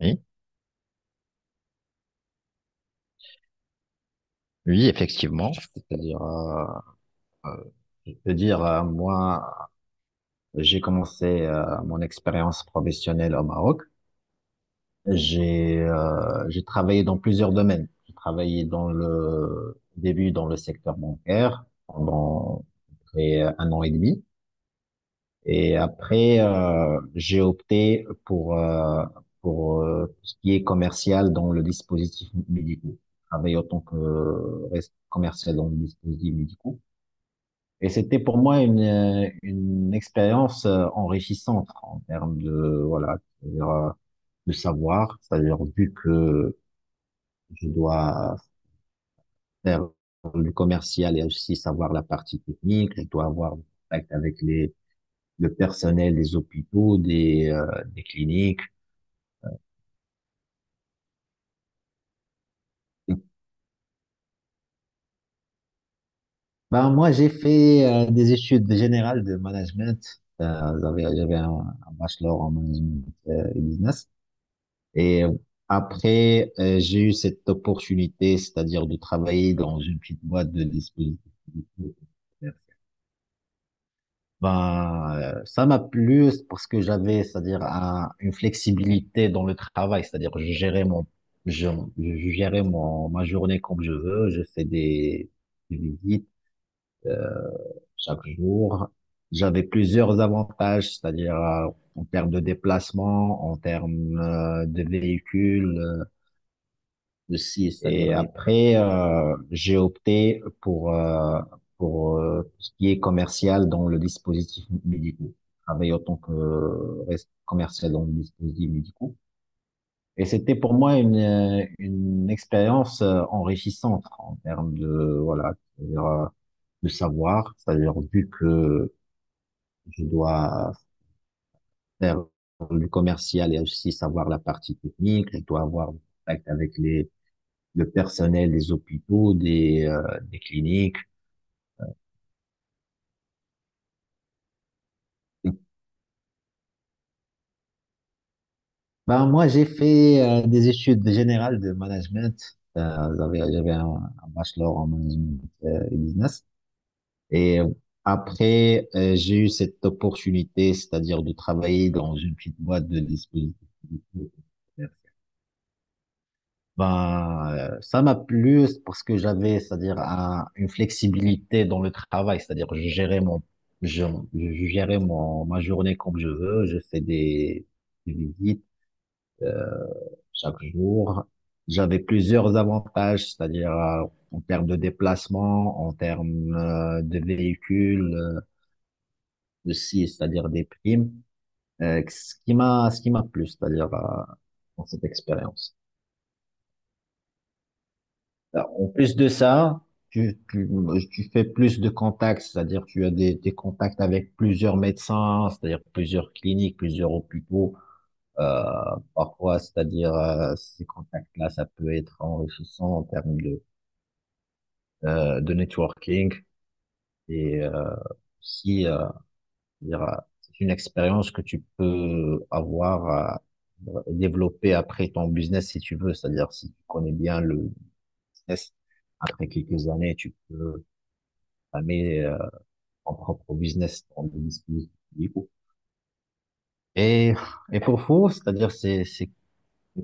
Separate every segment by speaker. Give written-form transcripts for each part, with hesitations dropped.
Speaker 1: Oui, oui, effectivement. C'est-à-dire, euh, je peux dire, moi, j'ai commencé mon expérience professionnelle au Maroc. J'ai travaillé dans plusieurs domaines. J'ai travaillé dans le au début dans le secteur bancaire pendant près un an et demi. Et après, j'ai opté pour tout ce qui est commercial dans le dispositif médical. J'ai travaillé en tant que commercial dans le dispositif médical. Et c'était pour moi une expérience enrichissante en termes de, voilà, c'est-à-dire, de savoir, c'est-à-dire vu que je dois faire du commercial et aussi savoir la partie technique, je dois avoir du contact avec le personnel des hôpitaux, des cliniques. Et ben, moi, j'ai fait des études générales de management. J'avais un bachelor en management et business. Et euh, après, j'ai eu cette opportunité, c'est-à-dire de travailler dans une petite boîte de dispositifs médicaux. Ben, ça m'a plu parce que j'avais, c'est-à-dire une flexibilité dans le travail, c'est-à-dire je gérais je, je gérais mon, ma journée comme je veux, je fais des visites chaque jour. J'avais plusieurs avantages, c'est-à-dire en termes de déplacement, en termes de véhicules, le 6, Et d'accord. Après, j'ai opté pour, tout ce qui est commercial dans le dispositif médical. Je travaille en tant que commercial dans le dispositif médical. Et c'était pour moi une expérience enrichissante en termes de, voilà, c'est-à-dire, de savoir, c'est-à-dire vu que je dois faire du commercial et aussi savoir la partie technique, je dois avoir contact avec les le personnel des hôpitaux, des cliniques. Ben, moi, j'ai fait des études générales de management. J'avais un bachelor en management et business. Et euh, après, j'ai eu cette opportunité, c'est-à-dire de travailler dans une petite boîte de dispositifs médicaux. Ben, ça m'a plu parce que j'avais, c'est-à-dire une flexibilité dans le travail, c'est-à-dire je gérais je, je gérais mon, ma journée comme je veux, je fais des visites euh, chaque jour. J'avais plusieurs avantages, c'est-à-dire en termes de déplacement, en termes de véhicules aussi, c'est-à-dire des primes, ce qui m'a plu, c'est-à-dire dans cette expérience. Alors, en plus de ça, tu, tu, tu fais plus de contacts, c'est-à-dire tu as des contacts avec plusieurs médecins, c'est-à-dire plusieurs cliniques, plusieurs hôpitaux. Euh, parfois, c'est-à-dire ces contacts-là, ça peut être enrichissant en termes de networking et euh, aussi, c'est-à-dire, c'est une expérience que tu peux avoir développer après ton business si tu veux, c'est-à-dire si tu connais bien le business, après quelques années, tu peux amener ton propre business, ton dispositif médical. Et, et pour vous,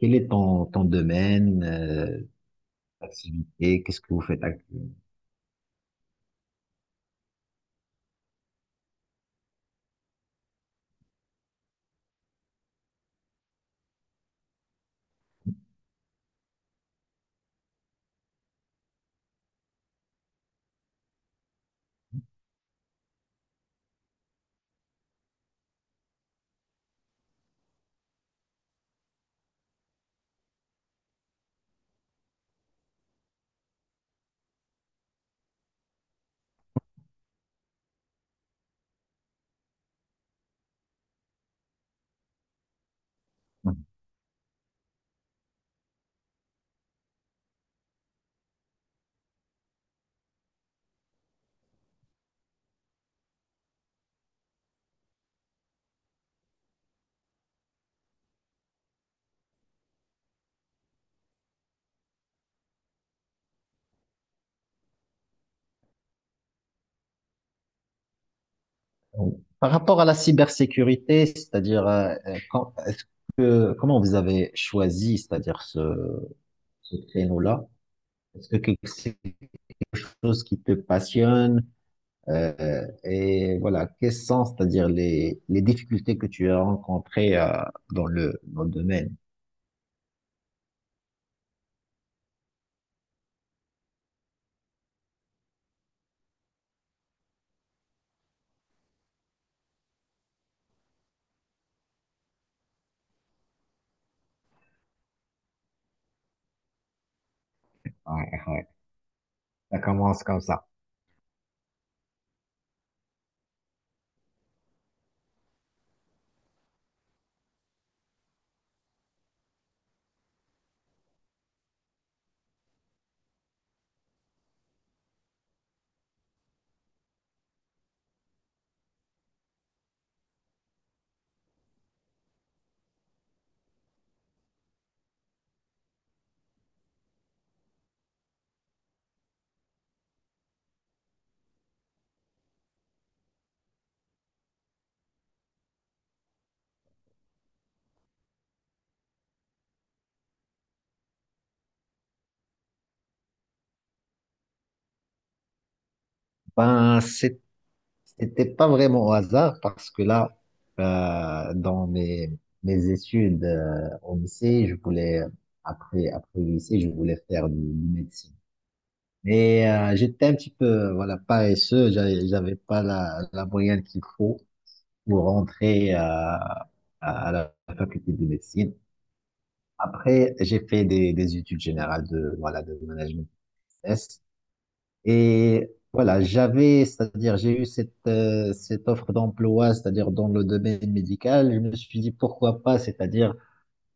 Speaker 1: quel est ton domaine, d'activité, qu'est-ce que vous faites actuellement? Par rapport à la cybersécurité, c'est-à-dire, quand, est-ce que, comment vous avez choisi, c'est-à-dire ce créneau-là? C'est quelque chose qui te passionne? Et voilà, quelles sont, c'est-à-dire, les difficultés que tu as rencontrées, dans le domaine? Ça commence comme ça. Ben, c'était pas vraiment au hasard parce que là, dans mes, mes études au lycée, après, après le lycée, je voulais faire du médecine. Mais j'étais un petit peu, voilà, paresseux, j'avais pas la moyenne qu'il faut pour rentrer à la faculté de médecine. Après, j'ai fait des études générales de, voilà, de management. Business. Et voilà, j'avais, c'est-à-dire j'ai eu cette offre d'emploi, c'est-à-dire dans le domaine médical. Je me suis dit pourquoi pas, c'est-à-dire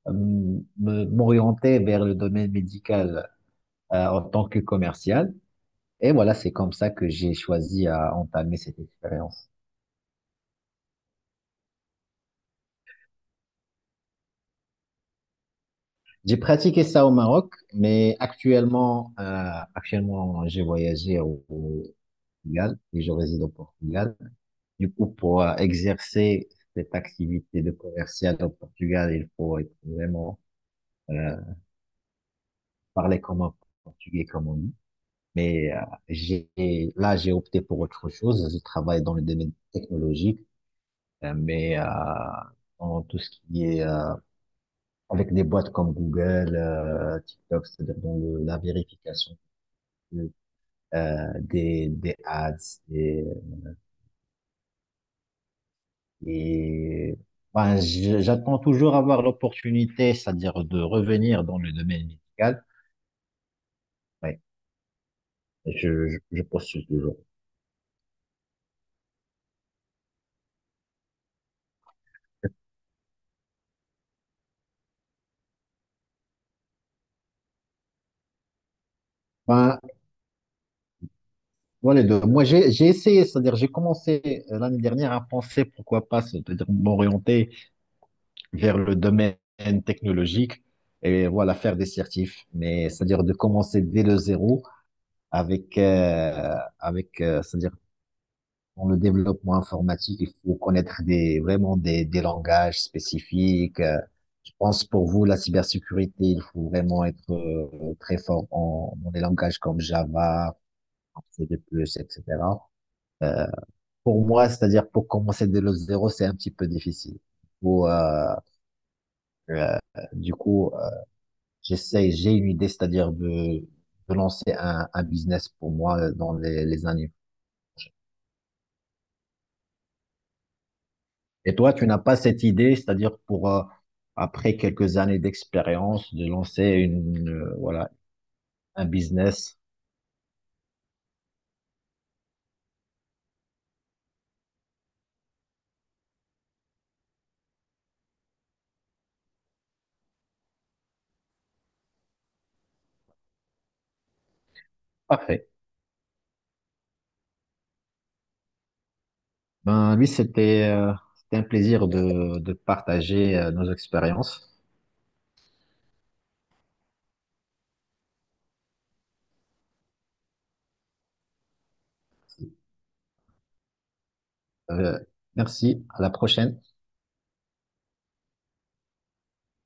Speaker 1: euh, m'orienter vers le domaine médical en tant que commercial. Et voilà, c'est comme ça que j'ai choisi à entamer cette expérience. J'ai pratiqué ça au Maroc, mais actuellement, actuellement, j'ai voyagé au Portugal et je réside au Portugal. Du coup, pour exercer cette activité de commercial au Portugal, il faut être vraiment euh, parler comme un portugais, comme on dit. Mais j'ai là, j'ai opté pour autre chose. Je travaille dans le domaine technologique, euh, mais euh, dans tout ce qui est avec des boîtes comme Google, TikTok, c'est-à-dire dans la vérification de, des ads, des. Et ben, j'attends toujours avoir l'opportunité, c'est-à-dire de revenir dans le domaine médical. Ouais, je postule toujours. Ben, voilà, les deux. Moi, j'ai essayé, c'est-à-dire j'ai commencé l'année dernière à penser, pourquoi pas, c'est-à-dire m'orienter vers le domaine technologique et voilà, faire des certifs. Mais c'est-à-dire de commencer dès le zéro c'est-à-dire dans le développement informatique, il faut connaître des, vraiment des langages spécifiques. Je pense pour vous, la cybersécurité, il faut vraiment être très fort en, dans des langages comme Java, C++, etc. Euh, pour moi, c'est-à-dire pour commencer de le zéro, c'est un petit peu difficile. Ou, euh, euh, du coup, euh, j'essaie, j'ai une idée, c'est-à-dire de lancer un business pour moi dans les années. Et toi, tu n'as pas cette idée, c'est-à-dire pour après quelques années d'expérience, de lancer une voilà un business. Parfait. Ben lui, c'était un plaisir de partager nos expériences. Euh, merci. À la prochaine.